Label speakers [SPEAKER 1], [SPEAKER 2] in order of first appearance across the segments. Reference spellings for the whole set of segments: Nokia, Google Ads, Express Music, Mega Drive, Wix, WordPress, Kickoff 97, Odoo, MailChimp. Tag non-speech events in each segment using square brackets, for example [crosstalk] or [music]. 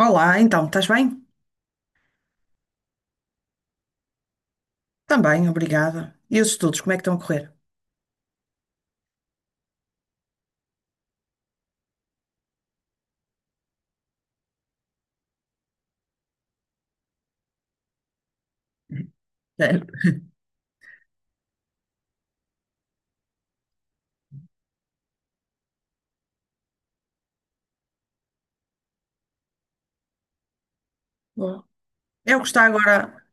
[SPEAKER 1] Olá, então, estás bem? Também, obrigada. E os estudos, como é que estão a correr? É, boa. É o que está agora,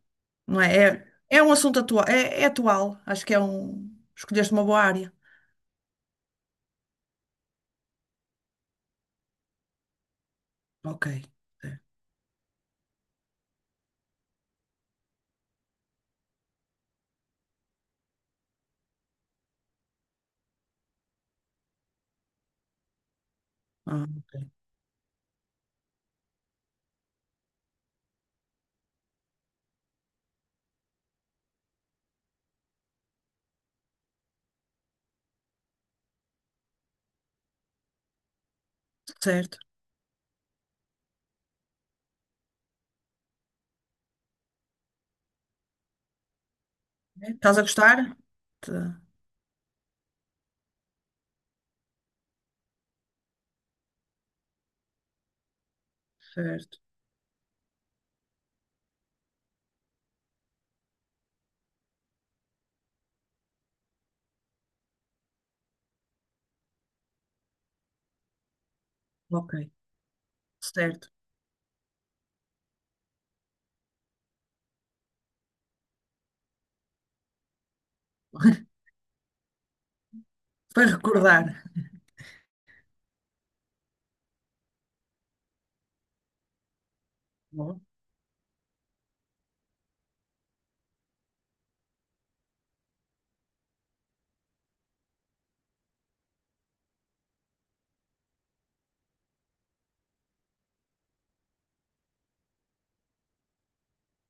[SPEAKER 1] não é? É, é um assunto atual, é atual, acho que é um. Escolheste uma boa área. Ok. É. Ah, ok. Certo. É, estás a gostar? Tá. Certo. Ok. Certo. [laughs] Para recordar. Bom,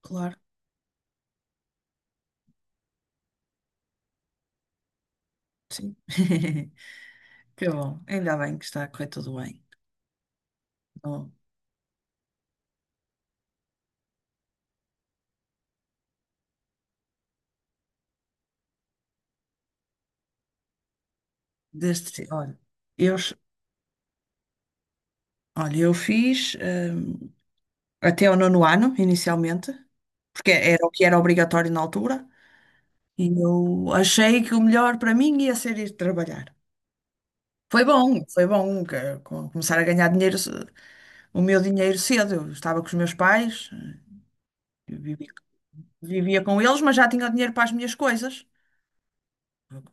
[SPEAKER 1] claro, sim. [laughs] Que bom, ainda bem que está a correr tudo bem. Bom, olha, eu, eu fiz. Até ao nono ano, inicialmente, porque era o que era obrigatório na altura, e eu achei que o melhor para mim ia ser ir trabalhar. Foi bom começar a ganhar dinheiro, o meu dinheiro cedo. Eu estava com os meus pais, eu vivia com eles, mas já tinha o dinheiro para as minhas coisas.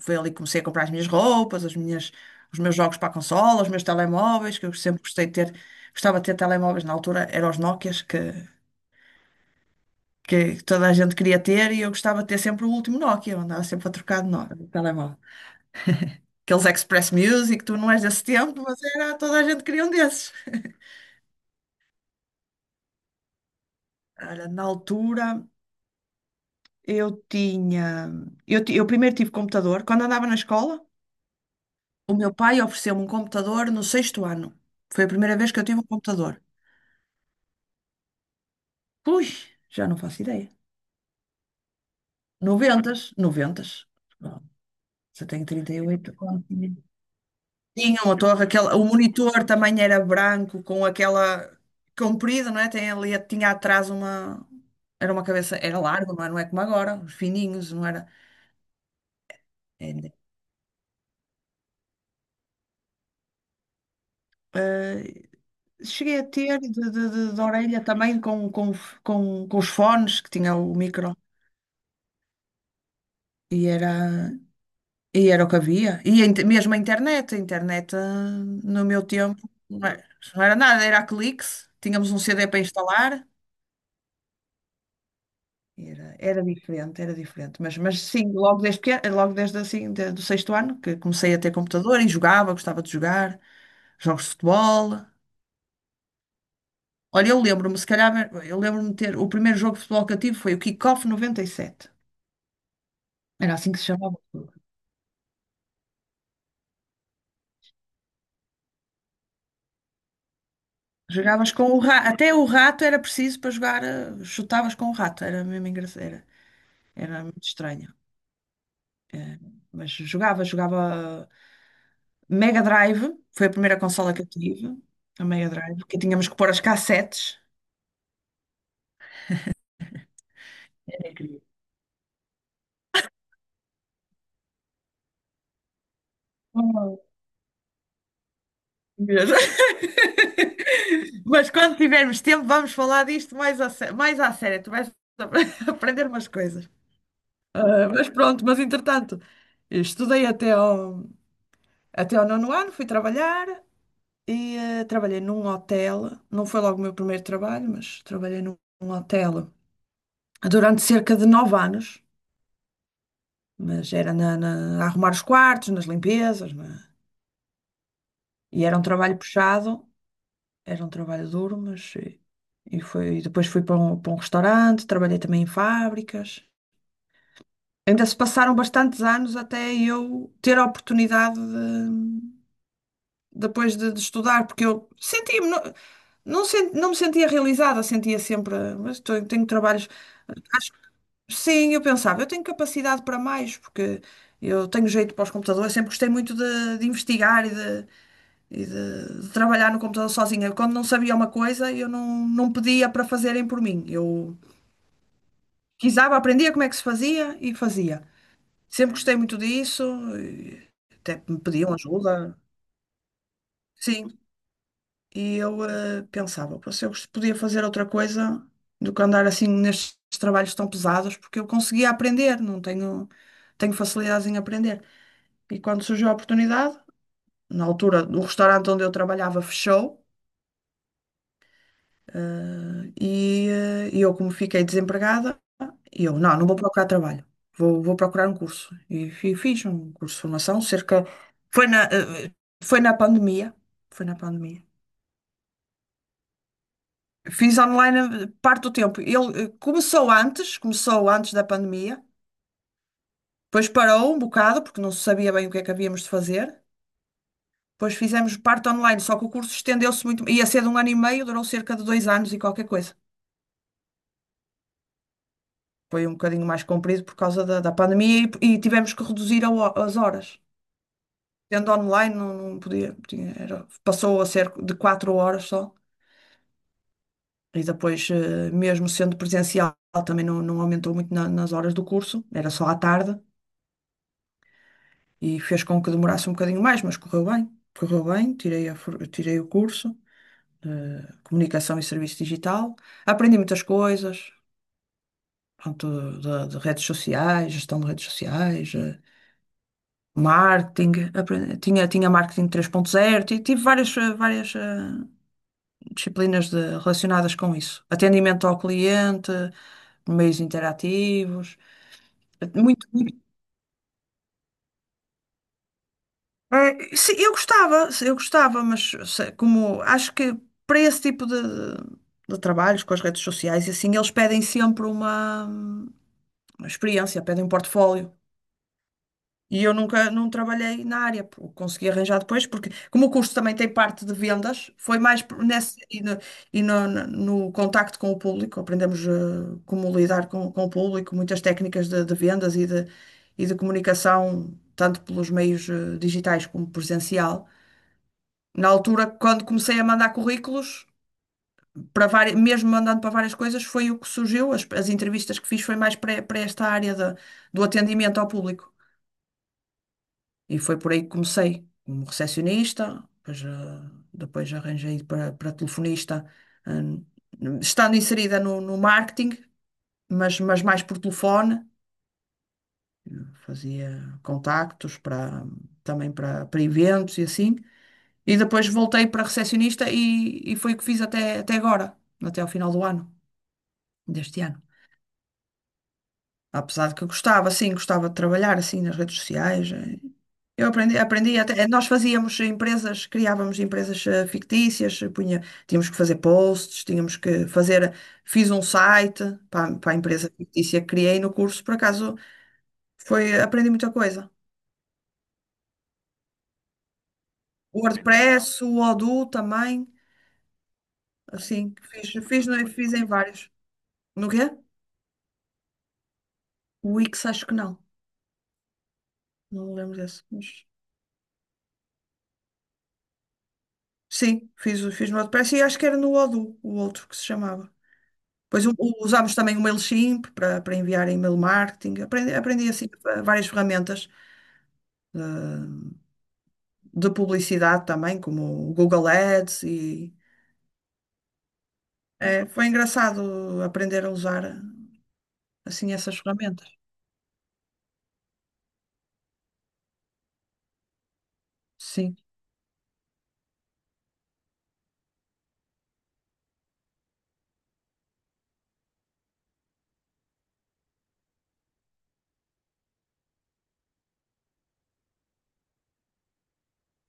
[SPEAKER 1] Foi ali que comecei a comprar as minhas roupas, os meus jogos para a consola, os meus telemóveis, que eu sempre gostei de ter. Gostava de ter telemóveis na altura, eram os Nokias que toda a gente queria ter, e eu gostava de ter sempre o último Nokia, eu andava sempre a trocar de Nokia, de telemóvel. Aqueles Express Music, tu não és desse tempo, mas era, toda a gente queria um desses. Olha, na altura eu tinha, eu, ti- eu primeiro tive computador, quando andava na escola, o meu pai ofereceu-me um computador no sexto ano. Foi a primeira vez que eu tive um computador. Ui, já não faço ideia. Noventas, noventas. Bom, já tenho 38. Tinham a torre, aquela, o monitor também era branco, com aquela comprida, não é? Tem ali, tinha atrás uma. Era uma cabeça, era largo, não é? Não é como agora, os fininhos, não era? É, ainda. Eh, Cheguei a ter de orelha também, com os fones que tinha o micro, e era, e era o que havia. E mesmo a internet, no meu tempo não era, não era nada, era a cliques, tínhamos um CD para instalar. Era diferente, era diferente. Mas sim, logo desde, pequeno, logo desde assim, de- do sexto ano, que comecei a ter computador e jogava, gostava de jogar jogos de futebol. Olha, se calhar, eu lembro-me de ter, o primeiro jogo de futebol que eu tive foi o Kickoff 97. Era assim que se chamava. Jogavas com o rato, até o rato era preciso para jogar, chutavas com o rato, era mesmo engraçado, era, muito estranho. Eh, Mas jogava, jogava. Mega Drive, foi a primeira consola que eu tive, a Mega Drive, que tínhamos que pôr as cassetes. Era incrível. [laughs] Oh, meu Deus. [laughs] Mas quando tivermos tempo, vamos falar disto mais mais à sério. Tu vais [laughs] aprender umas coisas. Ah, mas pronto, mas entretanto, estudei até ao nono ano, fui trabalhar e trabalhei num hotel. Não foi logo o meu primeiro trabalho, mas trabalhei num hotel durante cerca de 9 anos. Mas era a arrumar os quartos, nas limpezas e era um trabalho puxado, era um trabalho duro, mas e foi, e depois fui para um restaurante, trabalhei também em fábricas. Ainda se passaram bastantes anos até eu ter a oportunidade de, depois de estudar, porque eu sentia-me, não me sentia realizada, sentia sempre, mas tenho, trabalhos. Acho que sim, eu pensava, eu tenho capacidade para mais, porque eu tenho jeito para os computadores, sempre gostei muito de investigar e de trabalhar no computador sozinha. Quando não sabia uma coisa, eu não pedia para fazerem por mim. Eu aprendia como é que se fazia e fazia. Sempre gostei muito disso, e até me pediam ajuda. Sim, e eu pensava, "Pô, se eu gost- podia fazer outra coisa do que andar assim nestes trabalhos tão pesados, porque eu conseguia aprender, não tenho, tenho facilidades em aprender. E quando surgiu a oportunidade, na altura, o restaurante onde eu trabalhava fechou, e eu, como fiquei desempregada, e eu, não vou procurar trabalho, vou procurar um curso. E fiz um curso de formação, cerca. Foi na, eh, eh, foi na pandemia. Foi na pandemia. Fiz online parte do tempo. Ele começou antes, da pandemia, depois parou um bocado, porque não se sabia bem o que é que havíamos de fazer. Depois fizemos parte online, só que o curso estendeu-se muito. Ia ser de um ano e meio, durou cerca de 2 anos e qualquer coisa. Foi um bocadinho mais comprido por causa da pandemia, e tivemos que reduzir as horas. Sendo online, não podia, passou a ser de 4 horas só. E depois, mesmo sendo presencial, também não aumentou muito nas horas do curso, era só à tarde, e fez com que demorasse um bocadinho mais, mas correu bem. Correu bem, tirei o curso, Comunicação e Serviço Digital. Aprendi muitas coisas, pronto, de redes sociais, gestão de redes sociais, marketing, tinha marketing 3.0 tive várias disciplinas relacionadas com isso. Atendimento ao cliente, meios interativos, muito. muito- é, sim, eu gostava, mas como acho que para esse tipo de trabalhos com as redes sociais, e assim, eles pedem sempre uma experiência, pedem um portfólio. E eu nunca não trabalhei na área, pô, consegui arranjar depois, porque como o curso também tem parte de vendas, foi mais nesse no contacto com o público, aprendemos como lidar com o público, muitas técnicas de vendas e de comunicação, tanto pelos meios digitais como presencial. Na altura, quando comecei a mandar currículos, para várias, mesmo mandando para várias coisas, foi o que surgiu, as entrevistas que fiz foi mais para, esta área do atendimento ao público. E foi por aí que comecei, como recepcionista, depois, depois arranjei para telefonista, ah, estando inserida no marketing, mas mais por telefone. Eu fazia contactos também para eventos e assim. E depois voltei para recepcionista e foi o que fiz até agora, até ao final do ano, deste ano. Apesar de que eu gostava, sim, gostava de trabalhar assim nas redes sociais. Eu aprendi até, nós fazíamos empresas, criávamos empresas fictícias, punha, tínhamos que fazer posts, tínhamos que fazer, eh, fiz um site para a empresa fictícia que criei no curso, por acaso aprendi muita coisa. O WordPress, o Odoo também, assim, fiz em vários. No quê? O Wix acho que não, não me lembro desse, mas sim, fiz no WordPress e acho que era no Odoo, o outro que se chamava. Pois usámos também o MailChimp para enviar e-mail marketing. Aprendi assim várias ferramentas de publicidade também, como o Google Ads e foi engraçado aprender a usar assim essas ferramentas. Sim,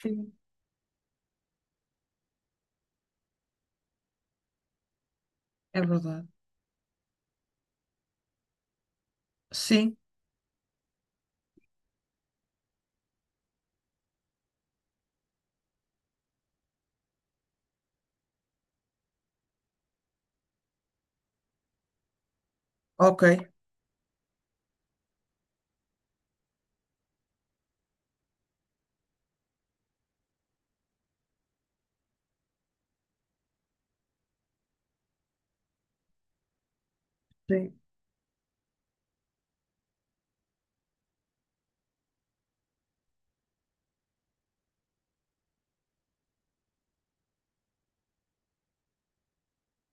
[SPEAKER 1] sim. É verdade. Sim, ok. Sim.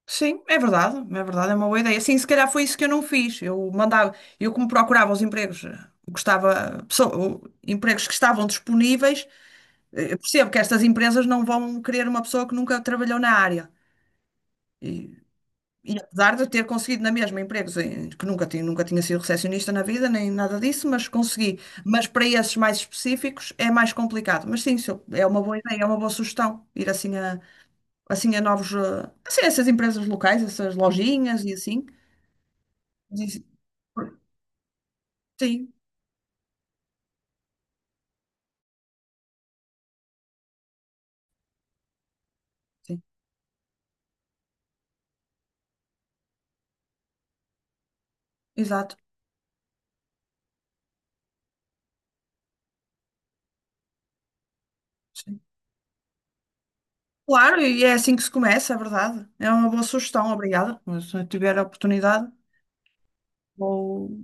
[SPEAKER 1] Sim, é verdade, é verdade, é uma boa ideia. Sim, se calhar foi isso que eu não fiz. Eu como procurava os empregos, empregos que estavam disponíveis. Eu percebo que estas empresas não vão querer uma pessoa que nunca trabalhou na área. E, e apesar de eu ter conseguido na mesma empregos que nunca tinha sido recepcionista na vida, nem nada disso, mas consegui. Mas para esses mais específicos é mais complicado. Mas sim, se eu- é uma boa ideia, é uma boa sugestão ir assim a, assim a a essas empresas locais, essas lojinhas e assim. Diz- Sim, sim, exato. Sim. Claro, e é assim que se começa, é verdade. É uma boa sugestão, obrigada. Mas se eu tiver a oportunidade. Vou,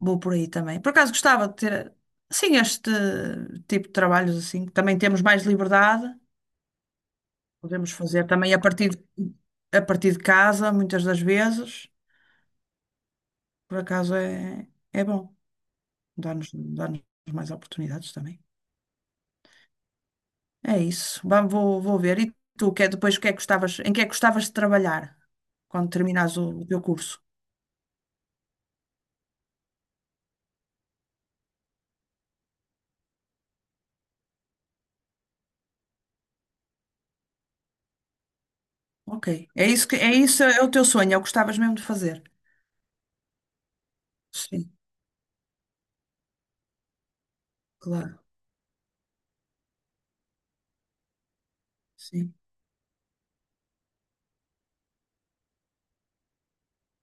[SPEAKER 1] Vou por aí também. Por acaso gostava de ter, sim, este tipo de trabalhos assim, que também temos mais liberdade, podemos fazer também a partir de, a partir de, casa, muitas das vezes. Por acaso é bom, dá-nos mais oportunidades também. É isso, vou ver. E tu, que é depois o que é que gostavas, em que é que gostavas de trabalhar quando terminares o teu curso? Ok, isso é o teu sonho, é o que gostavas mesmo de fazer. Sim, claro, sim,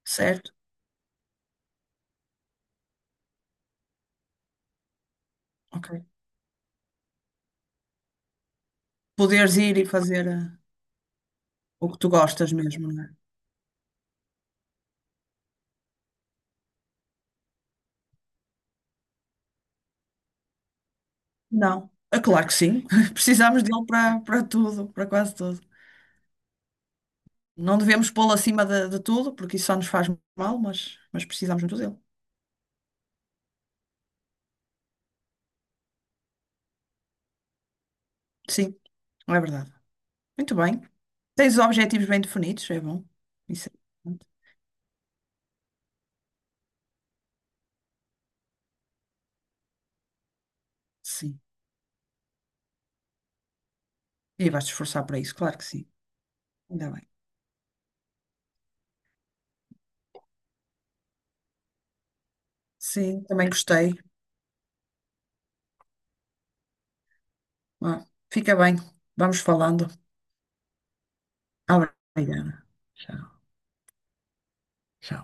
[SPEAKER 1] certo, ok. Poderes ir e fazer o que tu gostas mesmo, não é? Não. É claro que sim. [laughs] Precisamos dele para, tudo, para quase tudo. Não devemos pô-lo acima de tudo, porque isso só nos faz mal, mas precisamos muito dele. Sim, é verdade. Muito bem. Tens os objetivos bem definidos, é bom. Isso é importante. Sim. E vais-te esforçar para isso, claro que sim. Ainda bem. Sim, também gostei. Ah, fica bem. Vamos falando. Obrigada. Tchau. Tchau.